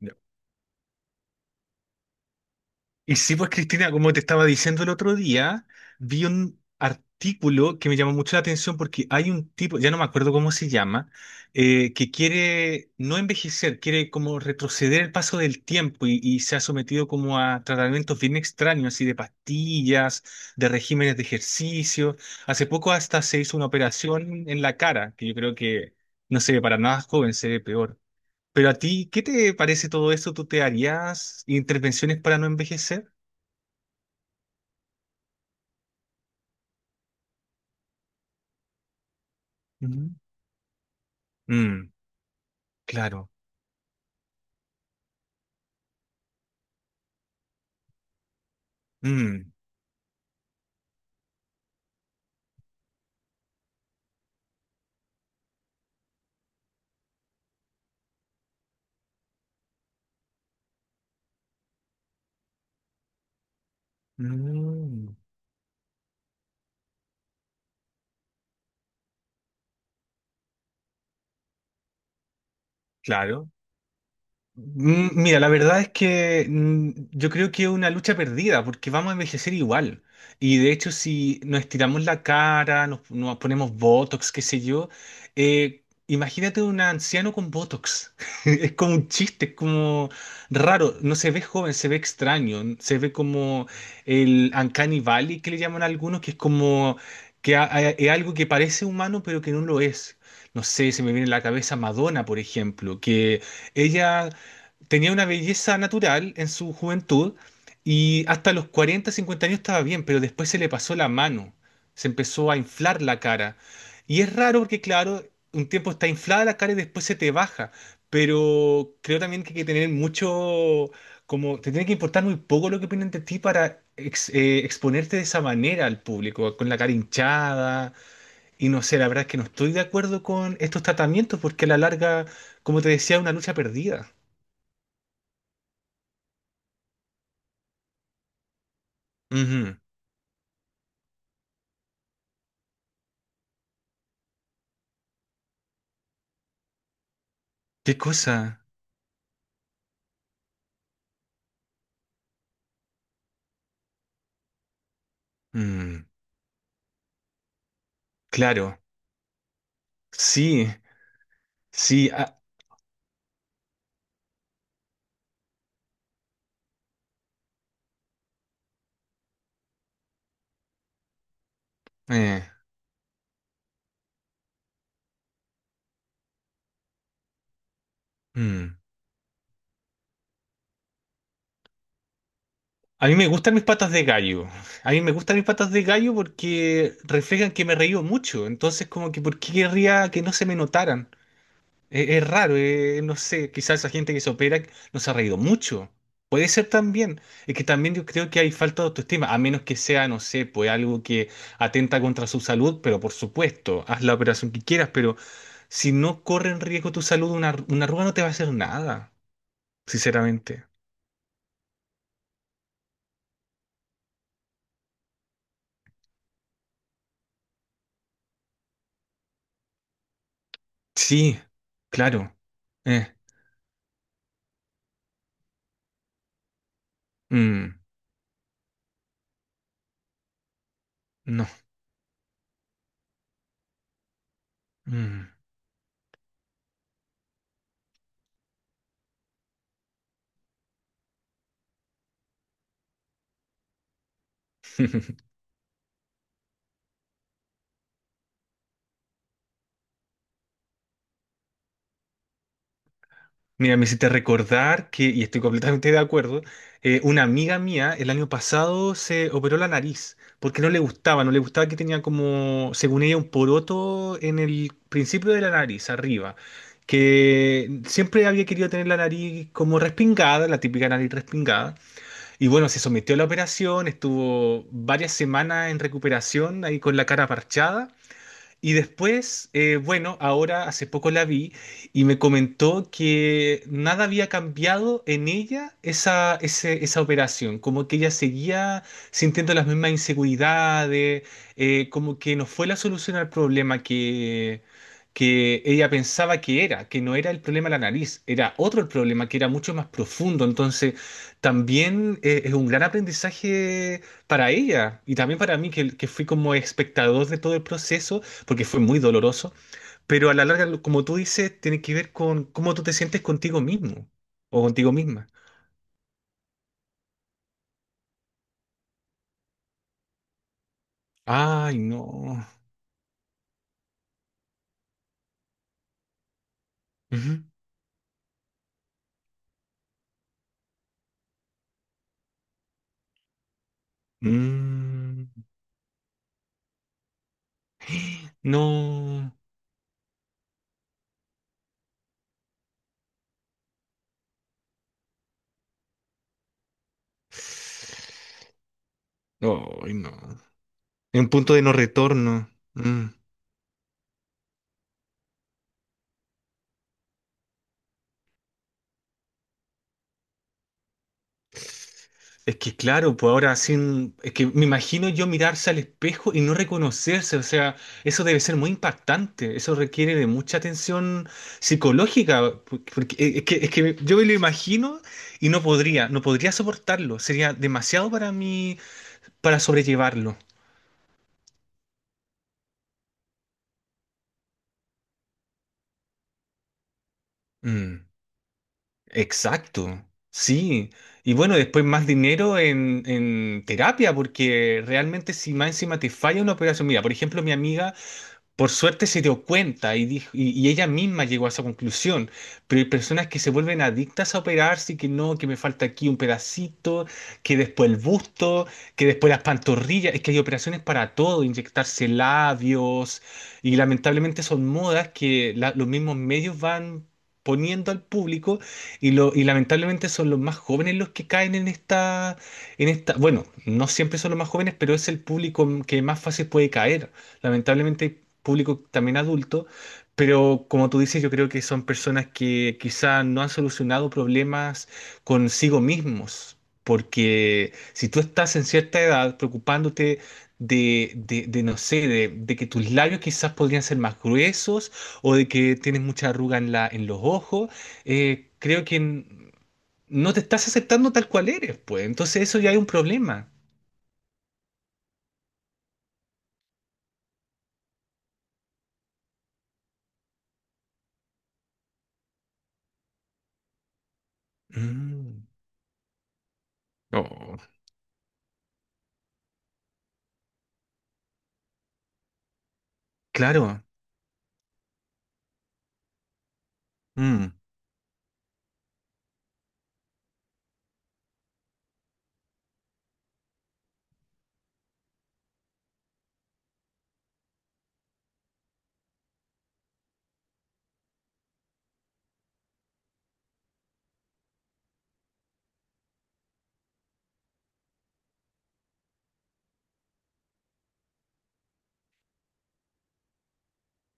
Ya. Y sí, pues Cristina, como te estaba diciendo el otro día, vi un artículo que me llamó mucho la atención porque hay un tipo, ya no me acuerdo cómo se llama, que quiere no envejecer, quiere como retroceder el paso del tiempo y se ha sometido como a tratamientos bien extraños, así de pastillas, de regímenes de ejercicio. Hace poco hasta se hizo una operación en la cara, que yo creo que no se ve para nada joven, se ve peor. Pero a ti, ¿qué te parece todo eso? ¿Tú te harías intervenciones para no envejecer? Ujú. Mm, claro. Mm, mm, claro. Mm, mira, la verdad es que yo creo que es una lucha perdida porque vamos a envejecer igual. Y de hecho, si nos estiramos la cara, nos ponemos Botox, qué sé yo, imagínate un anciano con Botox. Es como un chiste, es como raro. No se ve joven, se ve extraño. Se ve como el Uncanny Valley que le llaman algunos, que es como que es algo que parece humano pero que no lo es. No sé, se me viene a la cabeza Madonna, por ejemplo, que... Ella tenía una belleza natural en su juventud y hasta los 40, 50 años estaba bien, pero después se le pasó la mano, se empezó a inflar la cara. Y es raro porque, claro, un tiempo está inflada la cara y después se te baja, pero creo también que hay que tener mucho, como te tiene que importar muy poco lo que opinan de ti para exponerte de esa manera al público, con la cara hinchada. Y no sé, la verdad es que no estoy de acuerdo con estos tratamientos porque a la larga, como te decía, es una lucha perdida. Ujú. ¿Qué cosa? Mm, claro, sí, sí. Ah, eh, mm. A mí me gustan mis patas de gallo. A mí me gustan mis patas de gallo porque reflejan que me reío mucho. Entonces, como que, ¿por qué querría que no se me notaran? Es raro, no sé, quizás esa gente que se opera no se ha reído mucho. Puede ser también. Es que también yo creo que hay falta de autoestima, a menos que sea, no sé, pues algo que atenta contra su salud, pero por supuesto, haz la operación que quieras, pero si no corre en riesgo tu salud, una arruga no te va a hacer nada, sinceramente. Sí, claro. Eh, mm, no. Mm. Mira, me hiciste recordar que, y estoy completamente de acuerdo, una amiga mía el año pasado se operó la nariz porque no le gustaba, no le gustaba que tenía como, según ella, un poroto en el principio de la nariz, arriba, que siempre había querido tener la nariz como respingada, la típica nariz respingada. Y bueno, se sometió a la operación, estuvo varias semanas en recuperación ahí con la cara parchada. Y después, bueno, ahora hace poco la vi y me comentó que nada había cambiado en ella esa operación, como que ella seguía sintiendo las mismas inseguridades, como que no fue la solución al problema que ella pensaba que era, que no era el problema de la nariz, era otro el problema que era mucho más profundo. Entonces, también es un gran aprendizaje para ella y también para mí, que fui como espectador de todo el proceso porque fue muy doloroso, pero a la larga, como tú dices, tiene que ver con cómo tú te sientes contigo mismo o contigo misma. Ay, no. Ujú. Mm, no. Ay, no. En un punto de no retorno. Mm. Es que claro, pues ahora sin, es que me imagino yo mirarse al espejo y no reconocerse, o sea, eso debe ser muy impactante, eso requiere de mucha atención psicológica, porque es que yo me lo imagino y no podría, no podría soportarlo, sería demasiado para mí para sobrellevarlo. Mm, exacto, sí. Y bueno, después más dinero en terapia, porque realmente si más encima te falla una operación, mira, por ejemplo, mi amiga... Por suerte se dio cuenta y, dijo, y ella misma llegó a esa conclusión, pero hay personas que se vuelven adictas a operarse y que no, que me falta aquí un pedacito, que después el busto, que después las pantorrillas, es que hay operaciones para todo, inyectarse labios y lamentablemente son modas que los mismos medios van poniendo al público y, lo, y lamentablemente son los más jóvenes los que caen en esta, bueno, no siempre son los más jóvenes, pero es el público que más fácil puede caer. Lamentablemente hay público también adulto, pero como tú dices, yo creo que son personas que quizá no han solucionado problemas consigo mismos, porque si tú estás en cierta edad preocupándote de, no sé, de que tus labios quizás podrían ser más gruesos o de que tienes mucha arruga en la, en los ojos, creo que no te estás aceptando tal cual eres, pues. Entonces eso ya hay un problema. Mm. Oh, claro. Mm.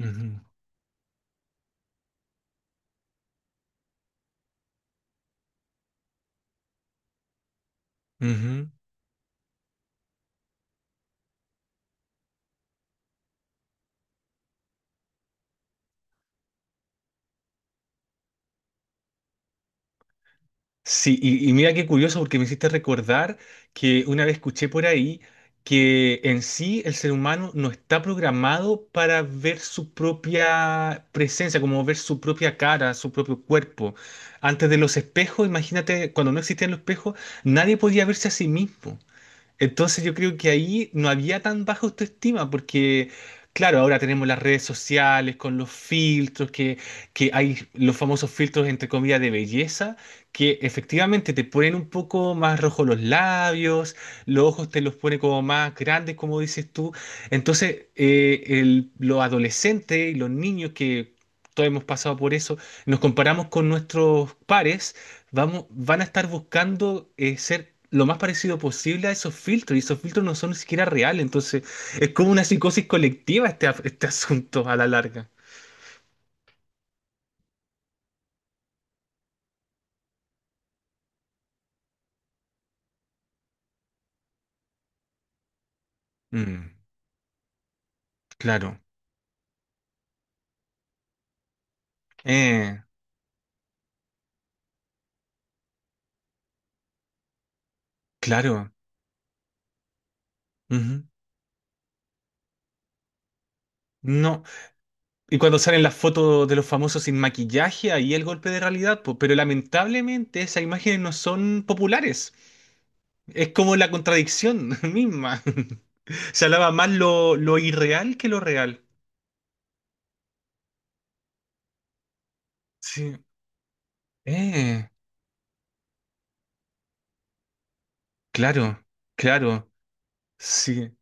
Ujú. Ujú. Sí, y mira qué curioso porque me hiciste recordar que una vez escuché por ahí que en sí el ser humano no está programado para ver su propia presencia, como ver su propia cara, su propio cuerpo. Antes de los espejos, imagínate, cuando no existían los espejos, nadie podía verse a sí mismo. Entonces yo creo que ahí no había tan baja autoestima porque, claro, ahora tenemos las redes sociales con los filtros, que hay los famosos filtros entre comillas de belleza, que efectivamente te ponen un poco más rojos los labios, los ojos te los pone como más grandes, como dices tú. Entonces, los adolescentes y los niños que... Todos hemos pasado por eso, nos comparamos con nuestros pares vamos, van a estar buscando ser lo más parecido posible a esos filtros, y esos filtros no son ni siquiera reales, entonces es como una psicosis colectiva este, este asunto a la larga. Mm, claro, eh, claro. Ujú. No, y cuando salen las fotos de los famosos sin maquillaje, ahí el golpe de realidad, po, pero lamentablemente esas imágenes no son populares. Es como la contradicción misma. Se alaba más lo irreal que lo real. Sí. Eh, claro, claro, sí.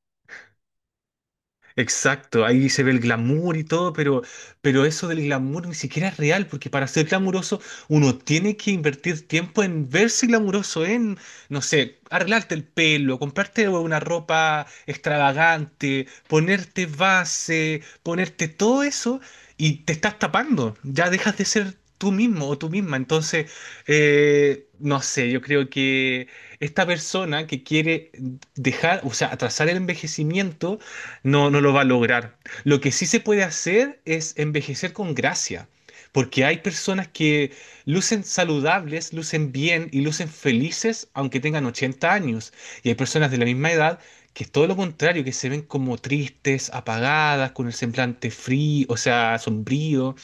Exacto, ahí se ve el glamour y todo, pero eso del glamour ni siquiera es real, porque para ser glamuroso uno tiene que invertir tiempo en verse glamuroso, en, no sé, arreglarte el pelo, comprarte una ropa extravagante, ponerte base, ponerte todo eso y te estás tapando, ya dejas de ser tú mismo o tú misma. Entonces, no sé, yo creo que esta persona que quiere dejar, o sea, atrasar el envejecimiento, no, no lo va a lograr. Lo que sí se puede hacer es envejecer con gracia, porque hay personas que lucen saludables, lucen bien y lucen felices aunque tengan 80 años. Y hay personas de la misma edad que es todo lo contrario, que se ven como tristes, apagadas, con el semblante frío, o sea, sombrío.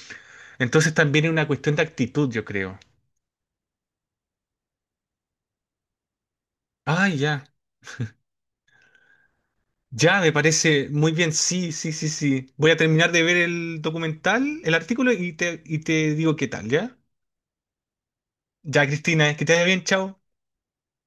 Entonces también es una cuestión de actitud, yo creo. Ah, ya. Ya, me parece muy bien. Sí, sí, sí, sí. Voy a terminar de ver el documental, el artículo y te digo qué tal, ¿ya? Ya, Cristina, que te vaya bien, chao.